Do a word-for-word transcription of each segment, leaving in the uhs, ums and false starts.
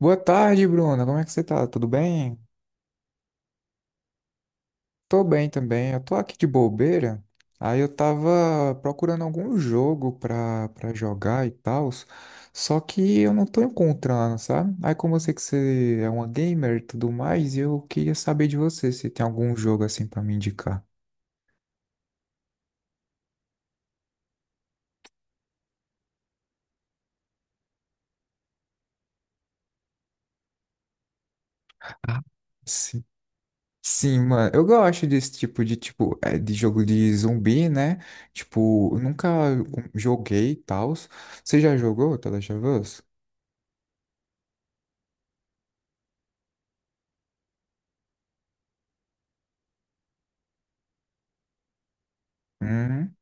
Boa tarde, Bruna. Como é que você tá? Tudo bem? Tô bem também. Eu tô aqui de bobeira. Aí eu tava procurando algum jogo pra, pra jogar e tal, só que eu não tô encontrando, sabe? Aí como eu sei que você é uma gamer e tudo mais, eu queria saber de você se tem algum jogo assim pra me indicar. Ah, sim. Sim, mano, eu gosto desse tipo de tipo é, de jogo de zumbi, né? Tipo, eu nunca hum, joguei e tal. Você já jogou The Last of Us? Uhum.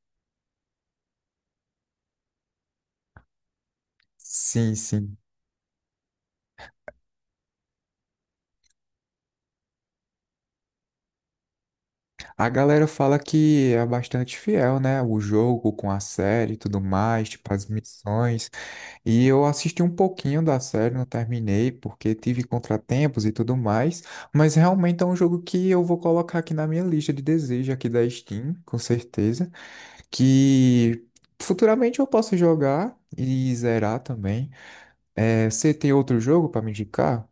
Sim, sim. A galera fala que é bastante fiel, né? O jogo com a série e tudo mais, tipo as missões. E eu assisti um pouquinho da série, não terminei, porque tive contratempos e tudo mais. Mas realmente é um jogo que eu vou colocar aqui na minha lista de desejo aqui da Steam, com certeza. Que futuramente eu posso jogar e zerar também. É, você tem outro jogo para me indicar?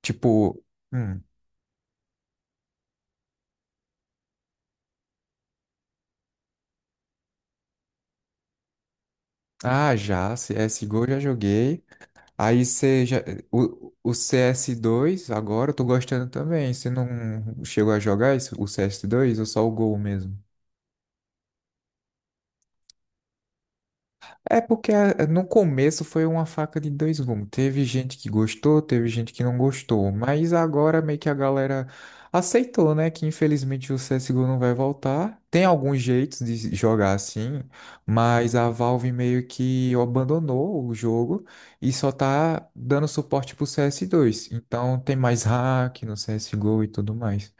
Tipo. hum, Ah, já, C S G O já joguei. Aí seja já. O, o C S dois, agora eu tô gostando também. Você não chegou a jogar isso, o C S dois ou só o Gol mesmo? É porque ah, no começo foi uma faca de dois gumes. Teve gente que gostou, teve gente que não gostou. Mas agora meio que a galera aceitou, né? Que infelizmente o C S G O não vai voltar. Tem alguns jeitos de jogar assim, mas a Valve meio que abandonou o jogo e só tá dando suporte pro C S dois. Então tem mais hack no C S G O e tudo mais.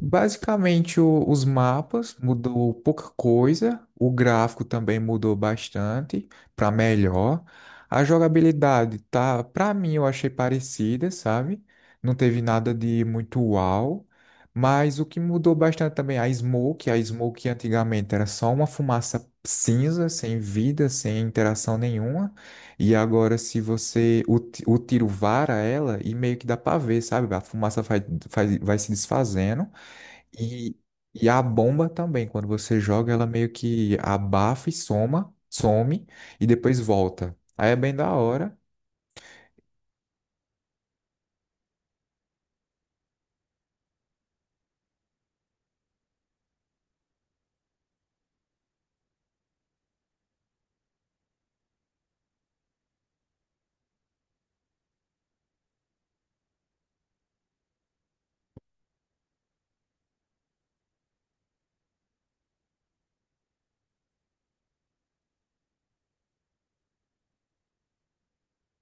Basicamente, o- os mapas mudou pouca coisa, o gráfico também mudou bastante para melhor. A jogabilidade tá, para mim, eu achei parecida, sabe? Não teve nada de muito uau, mas o que mudou bastante também é a smoke, a smoke antigamente era só uma fumaça cinza, sem vida, sem interação nenhuma, e agora se você o, ti- o tiro vara ela e meio que dá para ver, sabe? A fumaça vai, vai, vai se desfazendo. E, e a bomba também, quando você joga, ela meio que abafa e soma, some e depois volta. Aí é bem da hora.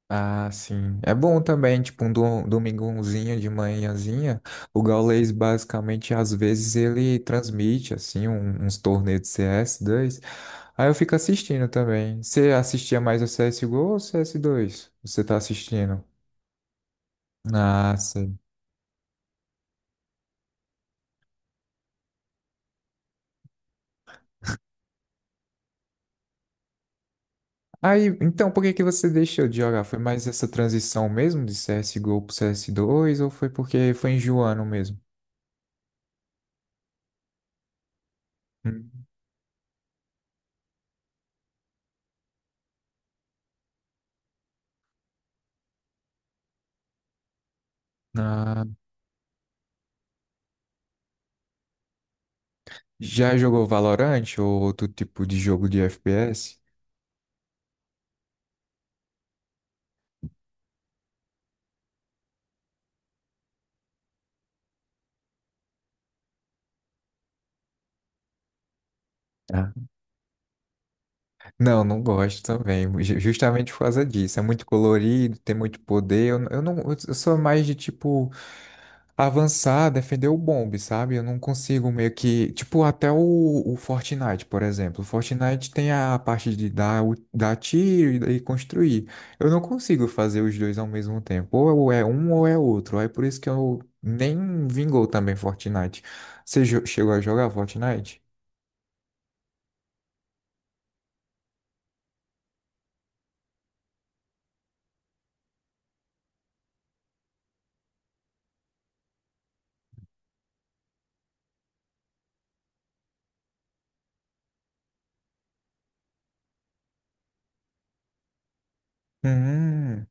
Ah, sim. É bom também, tipo, um do- domingãozinho de manhãzinha. O Gaules, basicamente, às vezes ele transmite, assim, um- uns torneios de cs dois. Aí eu fico assistindo também. Você assistia mais o C S G O ou o cs dois? Você tá assistindo? Ah, sim. Aí, então, por que que você deixou de jogar? Foi mais essa transição mesmo de C S G O pro C S dois ou foi porque foi enjoando mesmo? Hum. Ah, já jogou Valorant ou outro tipo de jogo de F P S? Ah. Não, não gosto também, ju- justamente por causa disso. É muito colorido, tem muito poder. Eu, eu não, eu sou mais de tipo avançar, defender o bombe, sabe? Eu não consigo meio que. Tipo, até o, o Fortnite, por exemplo. O Fortnite tem a parte de dar, o- dar tiro e, e construir. Eu não consigo fazer os dois ao mesmo tempo. Ou é um ou é outro. Aí por isso que eu nem vingou também Fortnite. Você jo- chegou a jogar Fortnite? Hum.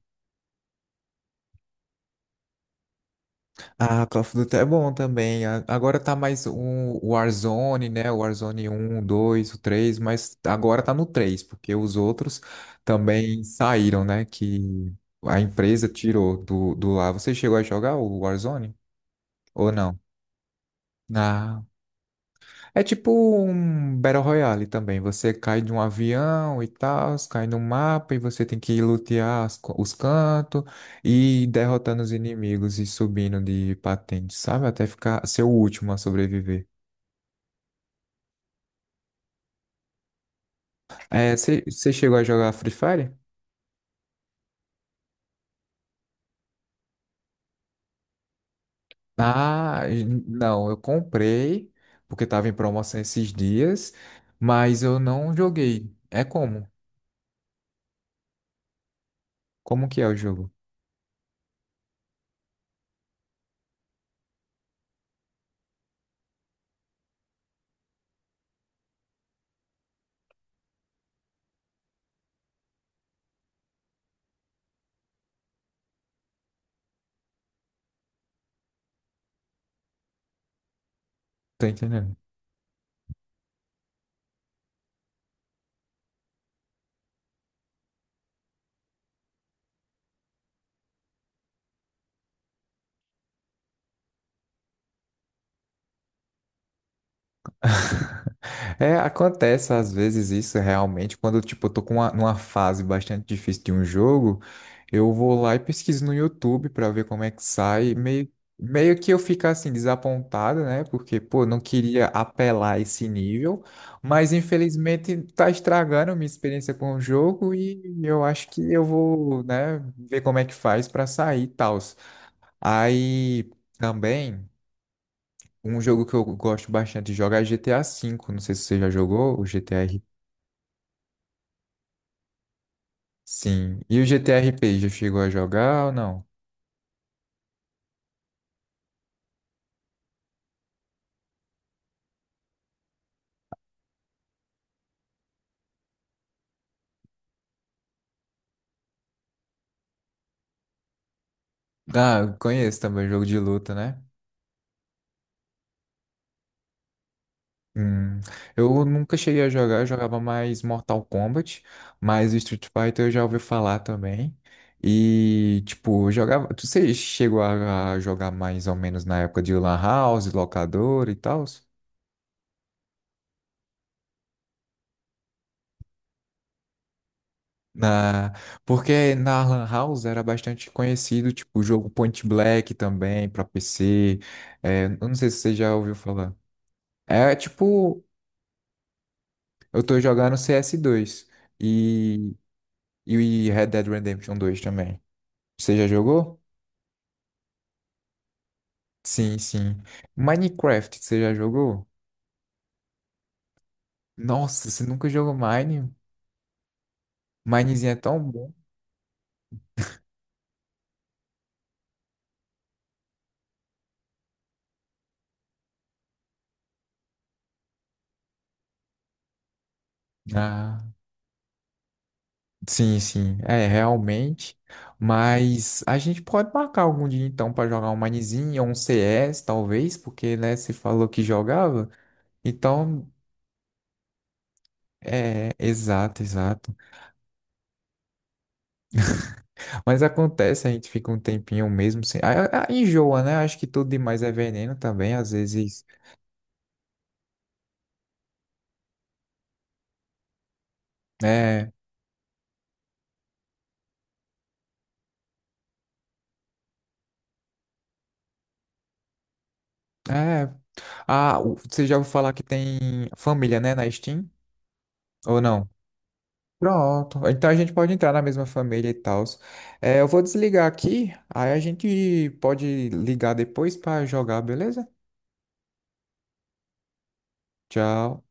Ah, Call of Duty é bom também. A- Agora tá mais um o Warzone, né? O Warzone um, o dois, o três, mas agora tá no três, porque os outros também saíram, né? Que a empresa tirou do, do lá. Você chegou a jogar o Warzone? Ou não? Ah, é tipo um Battle Royale também. Você cai de um avião e tal, cai no mapa e você tem que lutear as co- os cantos e ir derrotando os inimigos e subindo de patente, sabe? Até ficar ser o último a sobreviver. É, você chegou a jogar Free Fire? Ah, n- não, eu comprei porque tava em promoção esses dias, mas eu não joguei. É como? Como que é o jogo? Tô entendendo. É, acontece às vezes isso realmente, quando tipo, eu tô com uma, numa fase bastante difícil de um jogo, eu vou lá e pesquiso no YouTube pra ver como é que sai, meio, meio que eu fico assim desapontado, né? Porque, pô, não queria apelar a esse nível, mas infelizmente tá estragando minha experiência com o jogo e eu acho que eu vou, né, ver como é que faz pra sair e tal. Aí também. Um jogo que eu gosto bastante de jogar é G T A V. Não sei se você já jogou o G T R. Sim. E o G T R P, já chegou a jogar ou não? Ah, eu conheço também, jogo de luta, né? Hum, eu nunca cheguei a jogar, eu jogava mais Mortal Kombat, mas o Street Fighter eu já ouvi falar também. E, tipo, eu jogava. Você chegou a a jogar mais ou menos na época de Lan House, locador e tal? Na... Porque na Lan House era bastante conhecido, tipo, o jogo Point Blank também, pra P C. É, eu não sei se você já ouviu falar. É tipo, eu tô jogando cs dois e, e Red Dead Redemption dois também. Você já jogou? Sim, sim. Minecraft, você já jogou? Nossa, você nunca jogou Mine? Minezinho é tão bom. Ah. Sim, sim, é realmente. Mas a gente pode marcar algum dia então para jogar um Minezinho ou um C S, talvez, porque né, você falou que jogava. Então, é, exato, exato. Mas acontece, a gente fica um tempinho mesmo sem. A, a- enjoa, né? Acho que tudo demais é veneno também, às vezes. É, é. Ah, o- você já ouviu falar que tem família, né, na Steam? Ou não? Pronto. Então a gente pode entrar na mesma família e tal. É, eu vou desligar aqui, aí a gente pode ligar depois pra jogar, beleza? Tchau.